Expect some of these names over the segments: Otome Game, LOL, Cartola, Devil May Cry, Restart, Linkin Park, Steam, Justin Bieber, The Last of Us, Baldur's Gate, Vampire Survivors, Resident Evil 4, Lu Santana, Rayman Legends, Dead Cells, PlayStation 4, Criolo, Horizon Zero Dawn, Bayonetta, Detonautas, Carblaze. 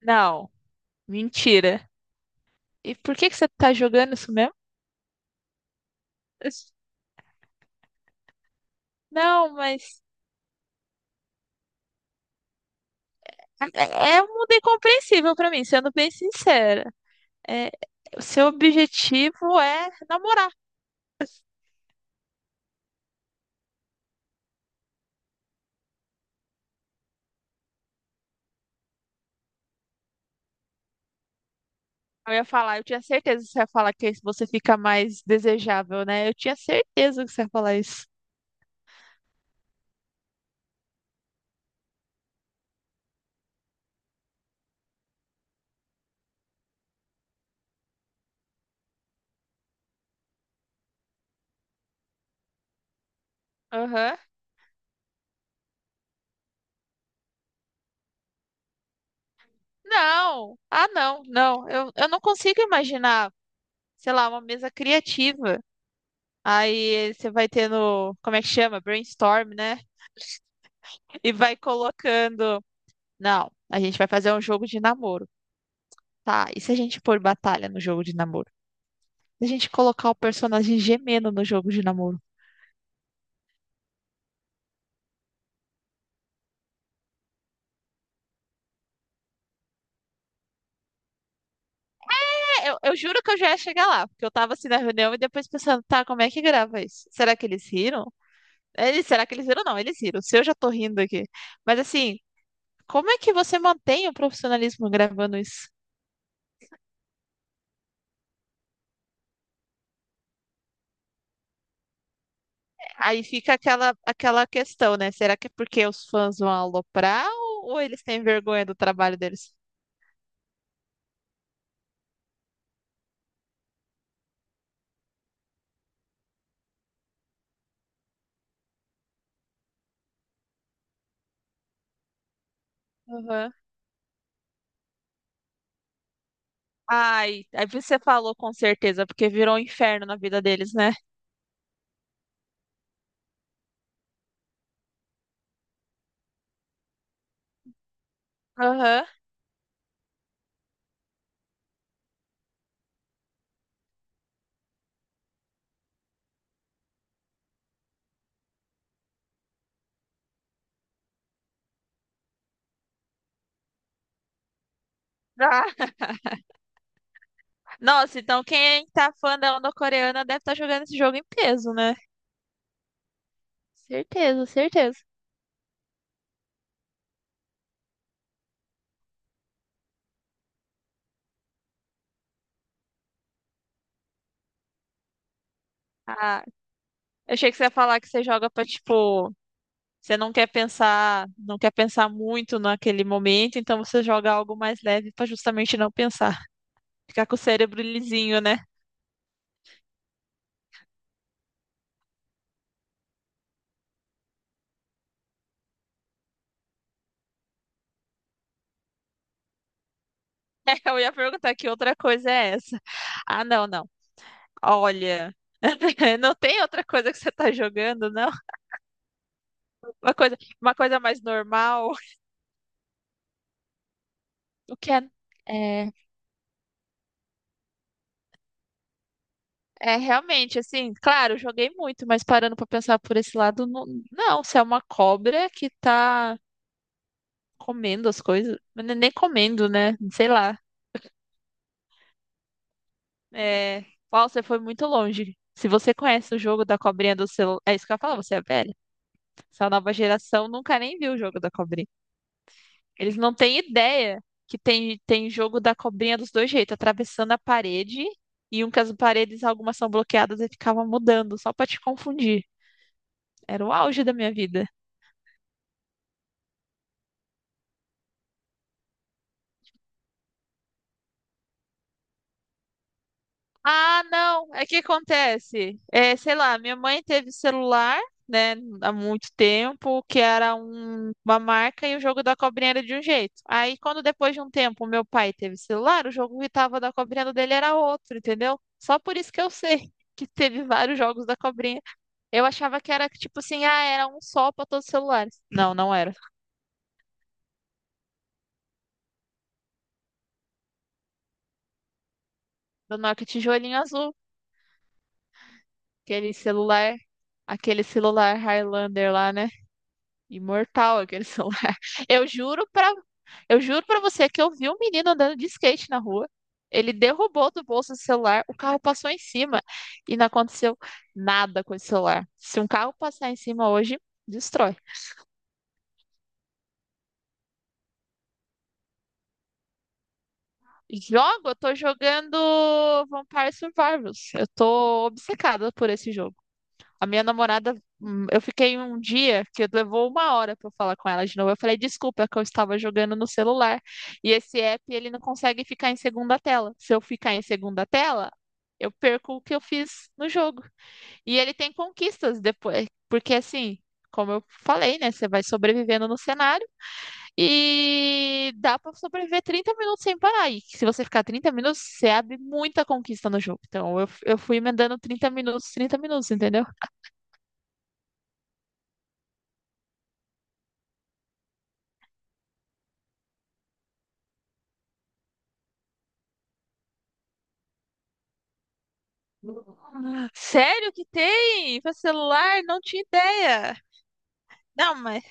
Não, mentira. E por que que você tá jogando isso mesmo? Não, mas é um mundo incompreensível pra mim, sendo bem sincera. É, o seu objetivo é namorar. Eu ia falar, eu tinha certeza que você ia falar que você fica mais desejável, né? Eu tinha certeza que você ia falar isso. Aham. Não. Ah, não, não. Eu não consigo imaginar, sei lá, uma mesa criativa. Aí você vai tendo, como é que chama? Brainstorm, né? E vai colocando. Não, a gente vai fazer um jogo de namoro. Tá, e se a gente pôr batalha no jogo de namoro? Se a gente colocar o personagem gemendo no jogo de namoro? É, eu juro que eu já ia chegar lá, porque eu tava assim na reunião e depois pensando, tá, como é que grava isso? Será que eles riram? Eles, será que eles riram? Não, eles riram. Se eu já tô rindo aqui. Mas assim, como é que você mantém o profissionalismo gravando isso? Aí fica aquela questão, né? Será que é porque os fãs vão aloprar ou eles têm vergonha do trabalho deles? Aham. Ai, aí você falou com certeza, porque virou um inferno na vida deles, né? Aham. Ah. Nossa, então quem tá fã da onda coreana deve estar jogando esse jogo em peso, né? Certeza, certeza. Ah, eu achei que você ia falar que você joga pra, tipo, você não quer pensar, não quer pensar muito naquele momento, então você joga algo mais leve pra justamente não pensar. Ficar com o cérebro lisinho, né? Eu ia perguntar que outra coisa é essa. Ah, não, não. Olha, não tem outra coisa que você tá jogando, não? Uma coisa mais normal. O que é, é, é realmente assim, claro, eu joguei muito, mas parando pra pensar por esse lado, não, não, se é uma cobra que tá comendo as coisas, mas nem comendo, né? Sei lá. É, uau, você foi muito longe. Se você conhece o jogo da cobrinha do celular, é isso que eu ia falar, você é velha. Essa nova geração nunca nem viu o jogo da cobrinha. Eles não têm ideia que tem, tem jogo da cobrinha dos dois jeitos, atravessando a parede e um que as paredes, algumas são bloqueadas e ficava mudando, só pra te confundir. Era o auge da minha vida. Ah, não, é que acontece. É, sei lá, minha mãe teve celular, né, há muito tempo, que era um- uma marca e o jogo da cobrinha era de um jeito. Aí, quando depois de um tempo meu pai teve celular, o jogo que tava da cobrinha do dele era outro, entendeu? Só por isso que eu sei que teve vários jogos da cobrinha. Eu achava que era tipo assim, ah, era um só para todos os celulares. Não, não era. Do Nokia tijolinho azul, aquele celular, aquele celular Highlander lá, né? Imortal aquele celular. Eu juro pra, eu juro pra você que eu vi um menino andando de skate na rua. Ele derrubou do bolso o celular, o carro passou em cima e não aconteceu nada com esse celular. Se um carro passar em cima hoje, destrói. Jogo, eu tô jogando Vampire Survivors. Eu tô obcecada por esse jogo. A minha namorada, eu fiquei um dia que levou uma hora para eu falar com ela de novo. Eu falei, desculpa, é que eu estava jogando no celular. E esse app, ele não consegue ficar em segunda tela. Se eu ficar em segunda tela, eu perco o que eu fiz no jogo. E ele tem conquistas depois, porque assim, como eu falei, né, você vai sobrevivendo no cenário e dá para sobreviver 30 minutos sem parar. E se você ficar 30 minutos, você abre muita conquista no jogo. Então eu fui emendando 30 minutos, 30 minutos, entendeu? Sério que tem para celular? Não tinha ideia. Não, mas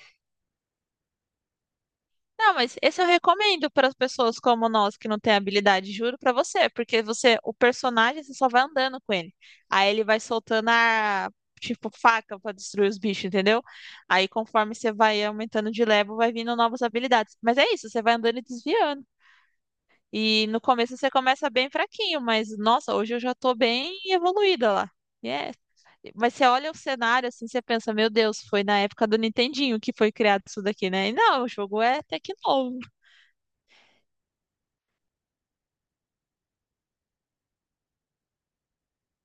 não, mas esse eu recomendo para as pessoas como nós que não tem habilidade, juro para você, porque você, o personagem, você só vai andando com ele. Aí ele vai soltando a tipo faca para destruir os bichos, entendeu? Aí conforme você vai aumentando de level, vai vindo novas habilidades. Mas é isso, você vai andando e desviando. E no começo você começa bem fraquinho, mas nossa, hoje eu já tô bem evoluída lá. E é- Mas você olha o cenário assim, você pensa, meu Deus, foi na época do Nintendinho que foi criado isso daqui, né? E não, o jogo é até que novo.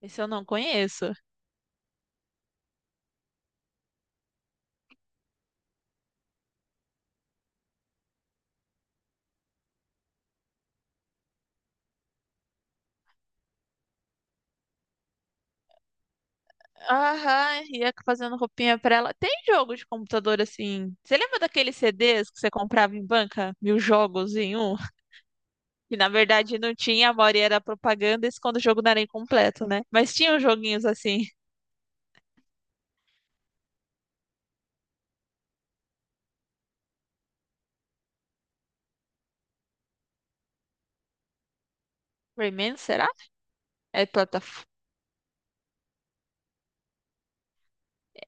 Esse eu não conheço. Aham, ia fazendo roupinha pra ela. Tem jogo de computador assim. Você lembra daqueles CDs que você comprava em banca? 1000 jogos em um? Que na verdade não tinha, a maioria era propaganda, isso quando o jogo não era incompleto, né? Mas tinha uns joguinhos assim. Rayman, será? É plataforma.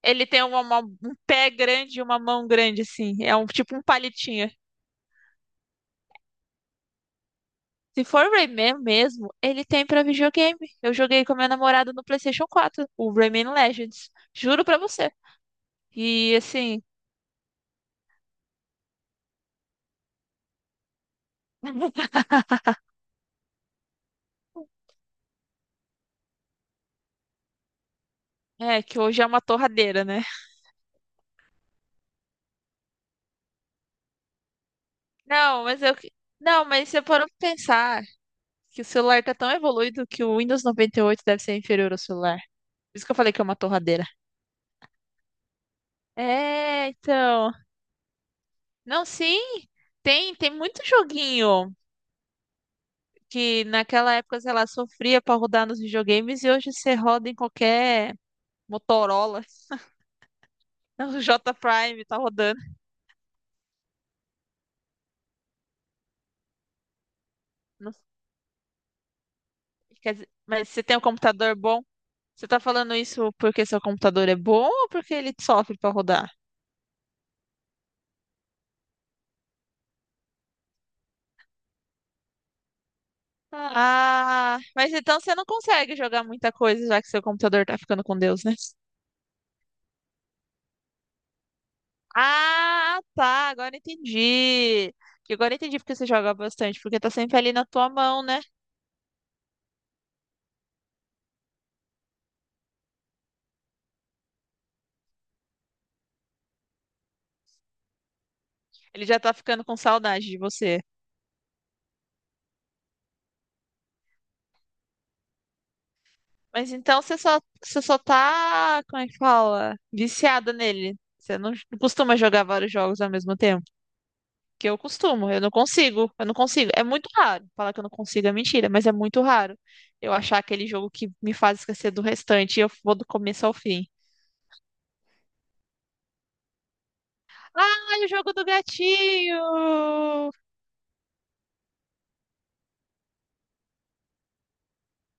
Ele tem uma- um pé grande e uma mão grande, assim. É um tipo um palitinho. Se for Rayman mesmo, ele tem pra videogame. Eu joguei com a minha namorada no PlayStation 4, o Rayman Legends. Juro pra você. E assim, é que hoje é uma torradeira, né? Não, mas eu. Não, mas você parou pra pensar que o celular tá tão evoluído que o Windows 98 deve ser inferior ao celular. Por isso que eu falei que é uma torradeira. É, então. Não, sim. Tem, tem muito joguinho. Que naquela época, sei lá, sofria para rodar nos videogames e hoje você roda em qualquer Motorola. O J Prime tá rodando. Não- quer dizer, mas você tem um computador bom? Você tá falando isso porque seu computador é bom ou porque ele sofre para rodar? Ah, mas então você não consegue jogar muita coisa já que seu computador tá ficando com Deus, né? Ah, tá, agora entendi. Que Agora entendi porque você joga bastante, porque tá sempre ali na tua mão, né? Ele já tá ficando com saudade de você. Mas então você só tá, como é que fala? Viciada nele. Você não costuma jogar vários jogos ao mesmo tempo. Que eu costumo, eu não consigo, eu não consigo. É muito raro. Falar que eu não consigo é mentira, mas é muito raro eu achar aquele jogo que me faz esquecer do restante e eu vou do começo ao fim. Ai, o jogo do gatinho!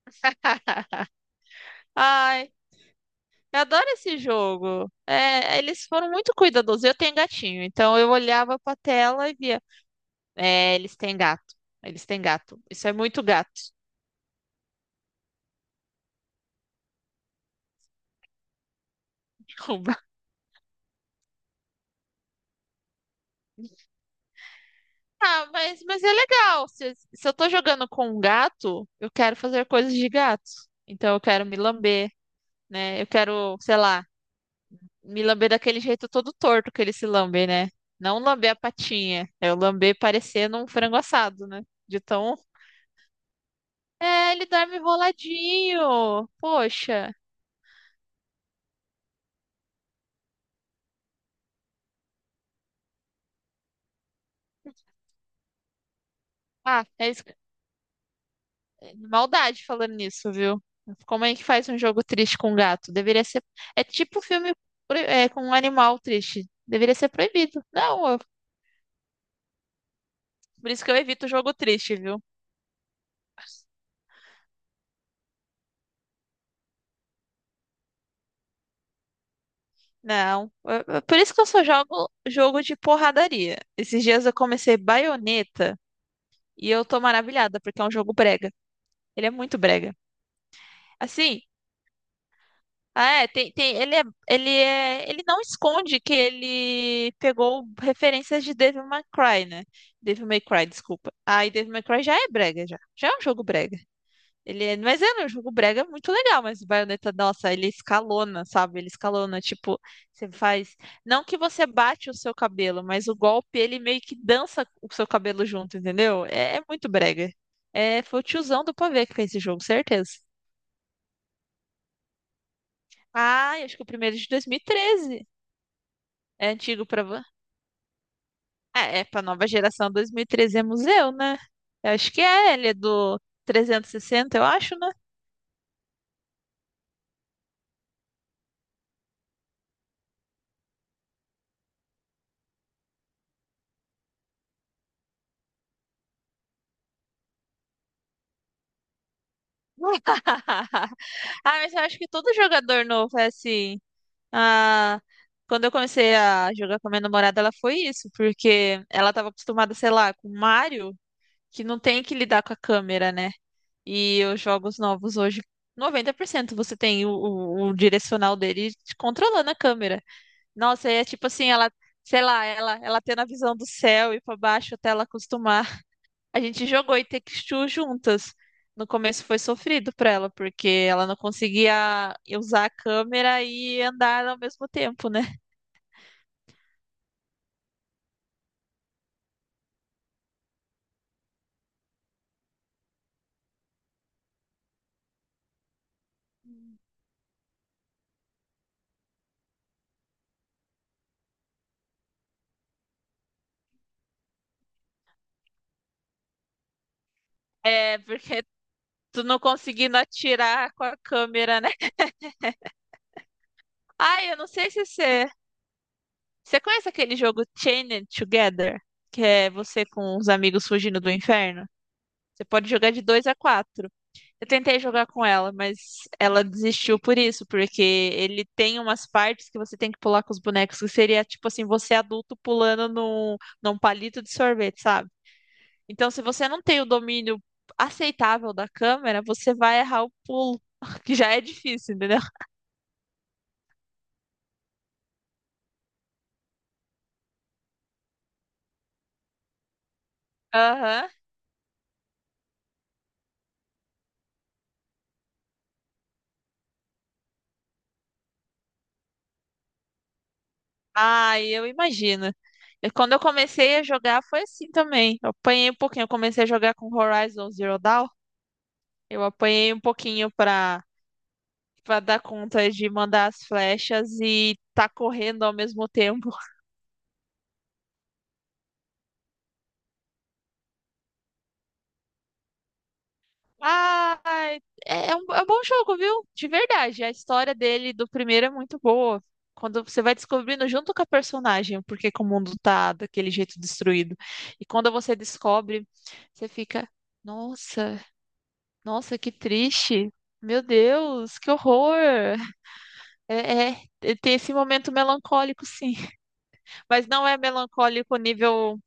Ai, eu adoro esse jogo. É, eles foram muito cuidadosos. Eu tenho gatinho, então eu olhava pra tela e via. É, eles têm gato. Eles têm gato. Isso é muito gato. Derruba. Ah, mas é legal. Se eu tô jogando com um gato, eu quero fazer coisas de gato. Então eu quero me lamber, né? Eu quero, sei lá, me lamber daquele jeito todo torto que ele se lambe, né? Não lamber a patinha. É o lamber parecendo um frango assado, né? De tão. É, ele dorme enroladinho. Poxa. Ah, é isso. Maldade falando nisso, viu? Como é que faz um jogo triste com gato? Deveria ser. É tipo filme pro- é, com um animal triste. Deveria ser proibido. Não, eu- por isso que eu evito jogo triste, viu? Não. Por isso que eu só jogo jogo de porradaria. Esses dias eu comecei Bayonetta e eu tô maravilhada, porque é um jogo brega. Ele é muito brega. Assim, é, tem, tem, ele é, ele é, ele não esconde que ele pegou referências de Devil May Cry, né? Devil May Cry, desculpa. Aí Devil May Cry já é brega, já. Já é um jogo brega. Ele é, mas é um jogo brega muito legal, mas o Bayonetta, nossa, ele escalona, sabe? Ele escalona, tipo, você faz, não que você bate o seu cabelo, mas o golpe, ele meio que dança o seu cabelo junto, entendeu? É, é muito brega. É, foi o tiozão do pavê que fez esse jogo, certeza. Ah, eu acho que o primeiro é de 2013. É antigo pra. Vo- É, é pra nova geração 2013 é museu, né? Eu acho que é, ele é do 360, eu acho, né? Ah, mas eu acho que todo jogador novo é assim. Ah, quando eu comecei a jogar com a minha namorada, ela foi isso, porque ela tava acostumada, sei lá, com Mario, que não tem que lidar com a câmera, né? E os jogos novos hoje, 90% você tem o direcional dele te controlando a câmera. Nossa, é tipo assim, ela, sei lá, ela tendo a visão do céu e pra baixo até ela acostumar. A gente jogou Take-Two juntas. No começo foi sofrido pra ela, porque ela não conseguia usar a câmera e andar ao mesmo tempo, né? É, porque tu não conseguindo atirar com a câmera, né? Ai, eu não sei se você. Você conhece aquele jogo Chained Together? Que é você com os amigos fugindo do inferno? Você pode jogar de dois a quatro. Eu tentei jogar com ela, mas ela desistiu por isso, porque ele tem umas partes que você tem que pular com os bonecos, que seria tipo assim, você adulto pulando num, num palito de sorvete, sabe? Então, se você não tem o domínio aceitável da câmera, você vai errar o pulo, que já é difícil, entendeu? Aham. Ah, eu imagino. E quando eu comecei a jogar, foi assim também. Eu apanhei um pouquinho. Eu comecei a jogar com Horizon Zero Dawn. Eu apanhei um pouquinho pra dar conta de mandar as flechas e tá correndo ao mesmo tempo. Ah, é, é um bom jogo, viu? De verdade. A história dele do primeiro é muito boa. Quando você vai descobrindo junto com a personagem porque que o mundo tá daquele jeito destruído. E quando você descobre, você fica, nossa, nossa, que triste. Meu Deus, que horror! É, é, tem esse momento melancólico, sim. Mas não é melancólico nível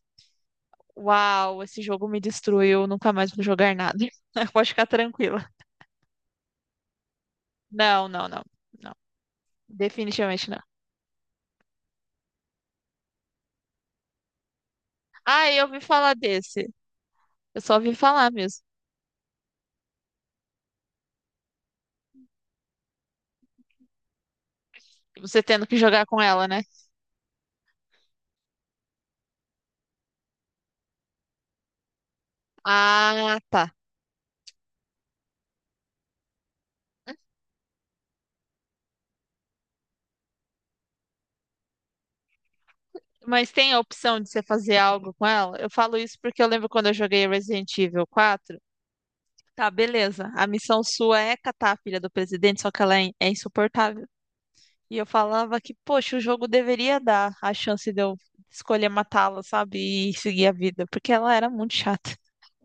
uau, esse jogo me destruiu, nunca mais vou jogar nada. Pode ficar tranquila. Não, não, não, não. Definitivamente não. Ah, eu ouvi falar desse. Eu só ouvi falar mesmo. Você tendo que jogar com ela, né? Ah, tá. Mas tem a opção de você fazer algo com ela? Eu falo isso porque eu lembro quando eu joguei Resident Evil 4. Tá, beleza. A missão sua é catar a filha do presidente, só que ela é in- é insuportável. E eu falava que, poxa, o jogo deveria dar a chance de eu escolher matá-la, sabe? E seguir a vida, porque ela era muito chata.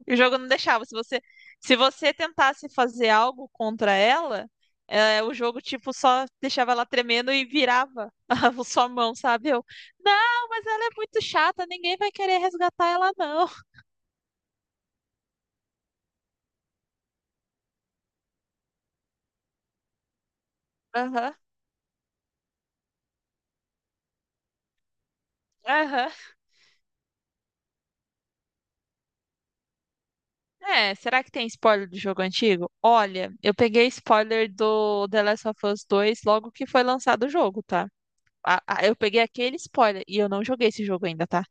E o jogo não deixava. Se você tentasse fazer algo contra ela, o jogo, tipo, só deixava ela tremendo e virava a sua mão, sabe? Eu, não, mas ela é muito chata, ninguém vai querer resgatar ela, não. Aham. Aham. É, será que tem spoiler do jogo antigo? Olha, eu peguei spoiler do The Last of Us 2 logo que foi lançado o jogo, tá? Eu peguei aquele spoiler e eu não joguei esse jogo ainda, tá?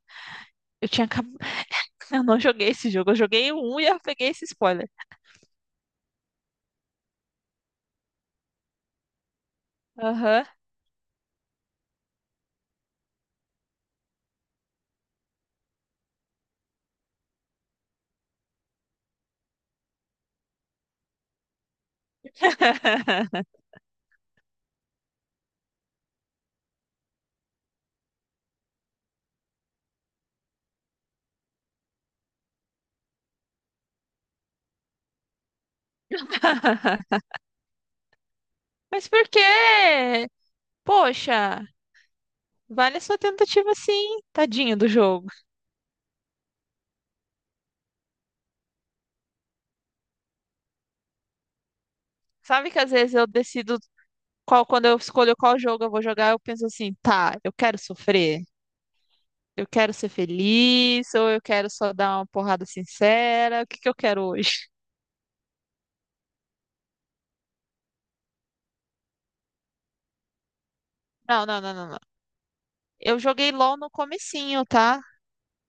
Eu tinha Eu não joguei esse jogo. Eu joguei o um e eu peguei esse spoiler. Aham. Mas por quê? Poxa, vale a sua tentativa sim, tadinho do jogo. Sabe que às vezes eu decido quando eu escolho qual jogo eu vou jogar, eu penso assim, tá, eu quero sofrer, eu quero ser feliz, ou eu quero só dar uma porrada sincera, o que que eu quero hoje? Não, não, não, não, não. Eu joguei LOL no comecinho, tá?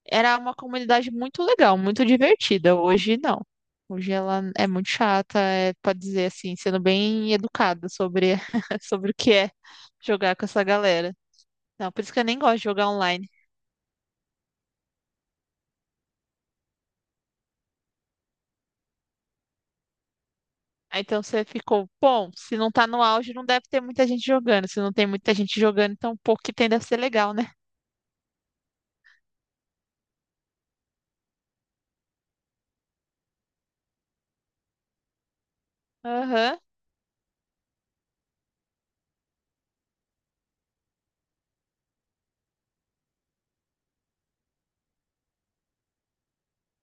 Era uma comunidade muito legal, muito divertida. Hoje não. Hoje ela é muito chata, é, pode dizer assim, sendo bem educada sobre, sobre o que é jogar com essa galera. Não, por isso que eu nem gosto de jogar online. Aí então você ficou, bom, se não tá no auge, não deve ter muita gente jogando. Se não tem muita gente jogando, então o pouco que tem deve ser legal, né? Aham.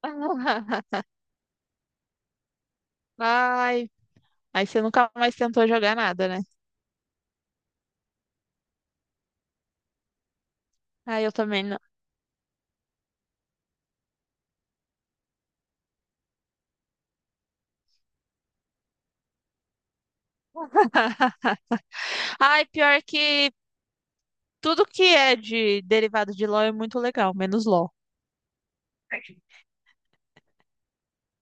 Ai. Aí você nunca mais tentou jogar nada, né? Ai, eu também não. Ai, pior que tudo que é de derivado de LOL é muito legal, menos LOL.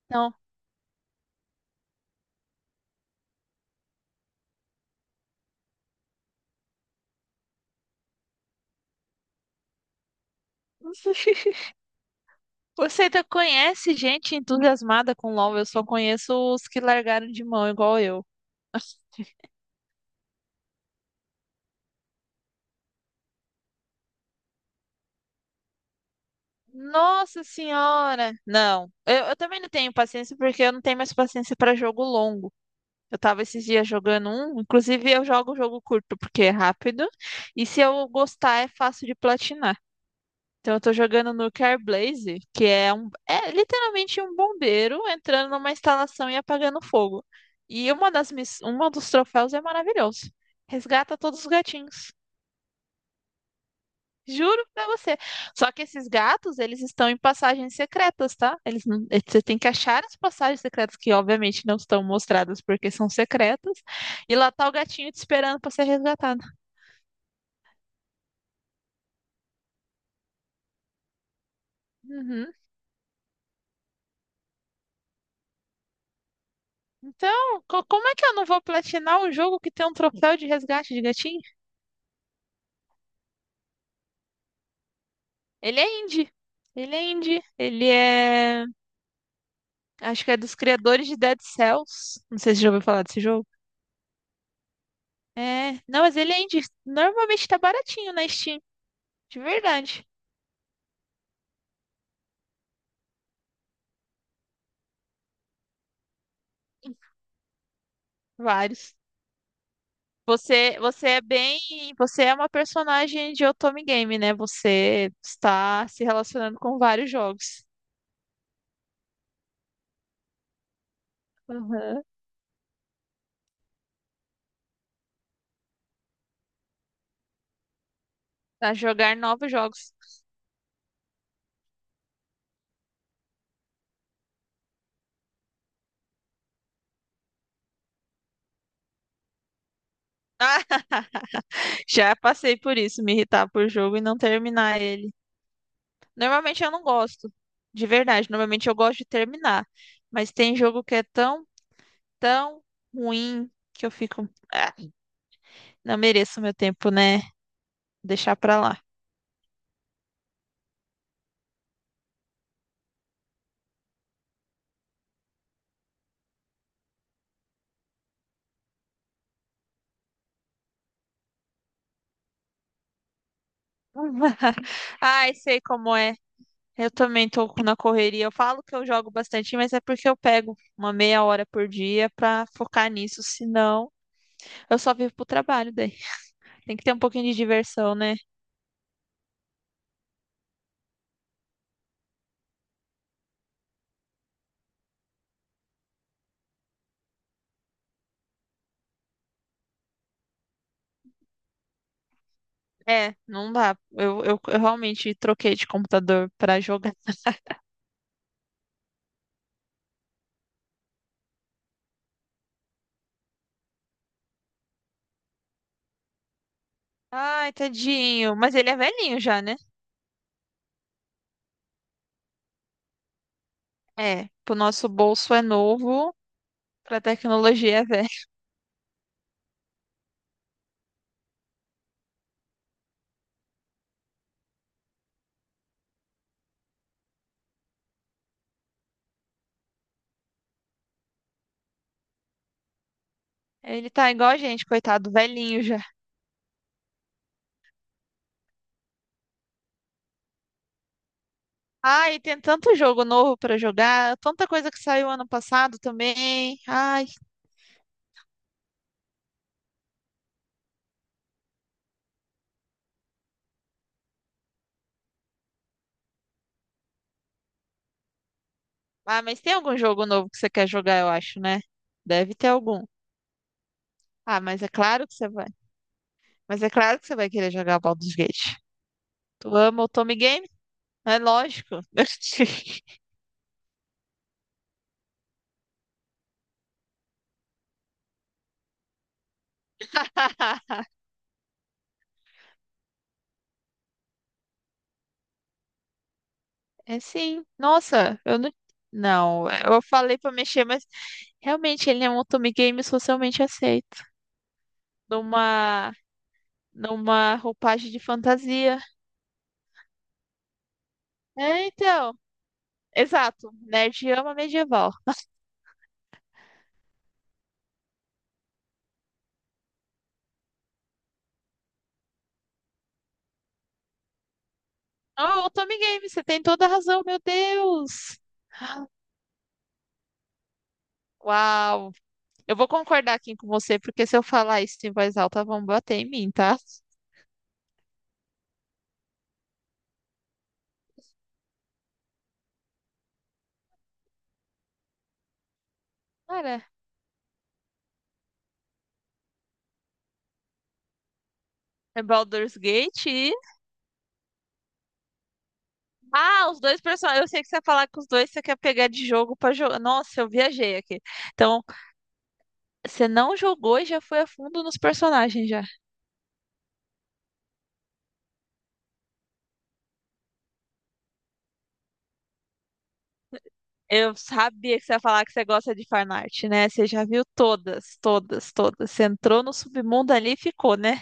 Então, você ainda conhece gente entusiasmada com LOL? Eu só conheço os que largaram de mão, igual eu. Nossa senhora! Não, eu também não tenho paciência porque eu não tenho mais paciência para jogo longo. Eu tava esses dias jogando um, inclusive eu jogo jogo curto porque é rápido e se eu gostar é fácil de platinar. Então eu tô jogando no Carblaze, que é um é literalmente um bombeiro entrando numa instalação e apagando fogo. E uma das uma dos troféus é maravilhoso. Resgata todos os gatinhos. Juro pra você. Só que esses gatos, eles estão em passagens secretas, tá? Eles não... eh, Você tem que achar as passagens secretas, que obviamente não estão mostradas porque são secretas. E lá tá o gatinho te esperando pra ser resgatado. Uhum. Então, como é que eu não vou platinar um jogo que tem um troféu de resgate de gatinho? Ele é indie. Ele é indie. Ele é. Acho que é dos criadores de Dead Cells. Não sei se você já ouviu falar desse jogo. É. Não, mas ele é indie. Normalmente tá baratinho na Steam. De verdade. Vários. Você é bem. Você é uma personagem de Otome Game, né? Você está se relacionando com vários jogos. Uhum. A jogar novos jogos. Já passei por isso, me irritar por jogo e não terminar ele. Normalmente eu não gosto, de verdade. Normalmente eu gosto de terminar. Mas tem jogo que é tão, tão ruim que eu fico. "Ah, não mereço meu tempo, né? Deixar pra lá. Ai, sei como é. Eu também tô na correria. Eu falo que eu jogo bastante, mas é porque eu pego uma meia hora por dia pra focar nisso. Senão, eu só vivo pro trabalho daí. Tem que ter um pouquinho de diversão, né? É, não dá. Eu realmente troquei de computador pra jogar. Ai, tadinho. Mas ele é velhinho já, né? É, pro nosso bolso é novo, pra tecnologia é velho. Ele tá igual a gente, coitado, velhinho já. Ai, tem tanto jogo novo pra jogar, tanta coisa que saiu ano passado também. Ai, ah, mas tem algum jogo novo que você quer jogar, eu acho, né? Deve ter algum. Ah, mas é claro que você vai. Mas é claro que você vai querer jogar Baldur's Gate. Tu ama o Tommy Game? É lógico. É sim. Nossa, eu não. Não, eu falei pra mexer, mas realmente ele é um Otome Games socialmente aceito. Numa, numa roupagem de fantasia. É, então. Exato. Nerd ama medieval. Oh, Otome Games, você tem toda a razão, meu Deus. Uau. Eu vou concordar aqui com você, porque se eu falar isso em voz alta, vão bater em mim, tá? Cara, é Baldur's Gate. Ah, os dois personagens. Eu sei que você ia falar que os dois você quer pegar de jogo pra jogar. Nossa, eu viajei aqui. Então, você não jogou e já foi a fundo nos personagens já. Eu sabia que você ia falar que você gosta de fanart, né? Você já viu todas, todas, todas. Você entrou no submundo ali e ficou, né?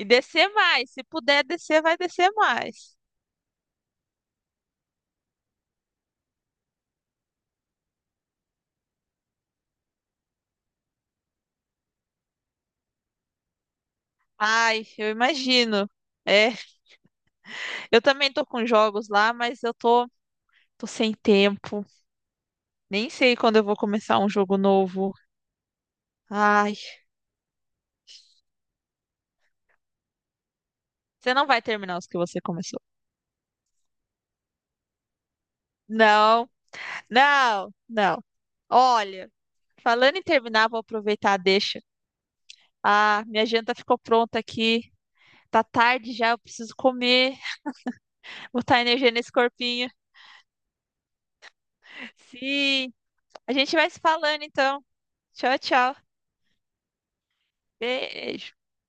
E descer mais. Se puder descer, vai descer mais. Ai, eu imagino. É, eu também tô com jogos lá, mas eu tô sem tempo. Nem sei quando eu vou começar um jogo novo. Ai. Você não vai terminar os que você começou. Não, não, não. Olha, falando em terminar, vou aproveitar deixa. Ah, minha janta ficou pronta aqui. Tá tarde já, eu preciso comer, botar energia nesse corpinho. Sim, a gente vai se falando então. Tchau, tchau. Beijo.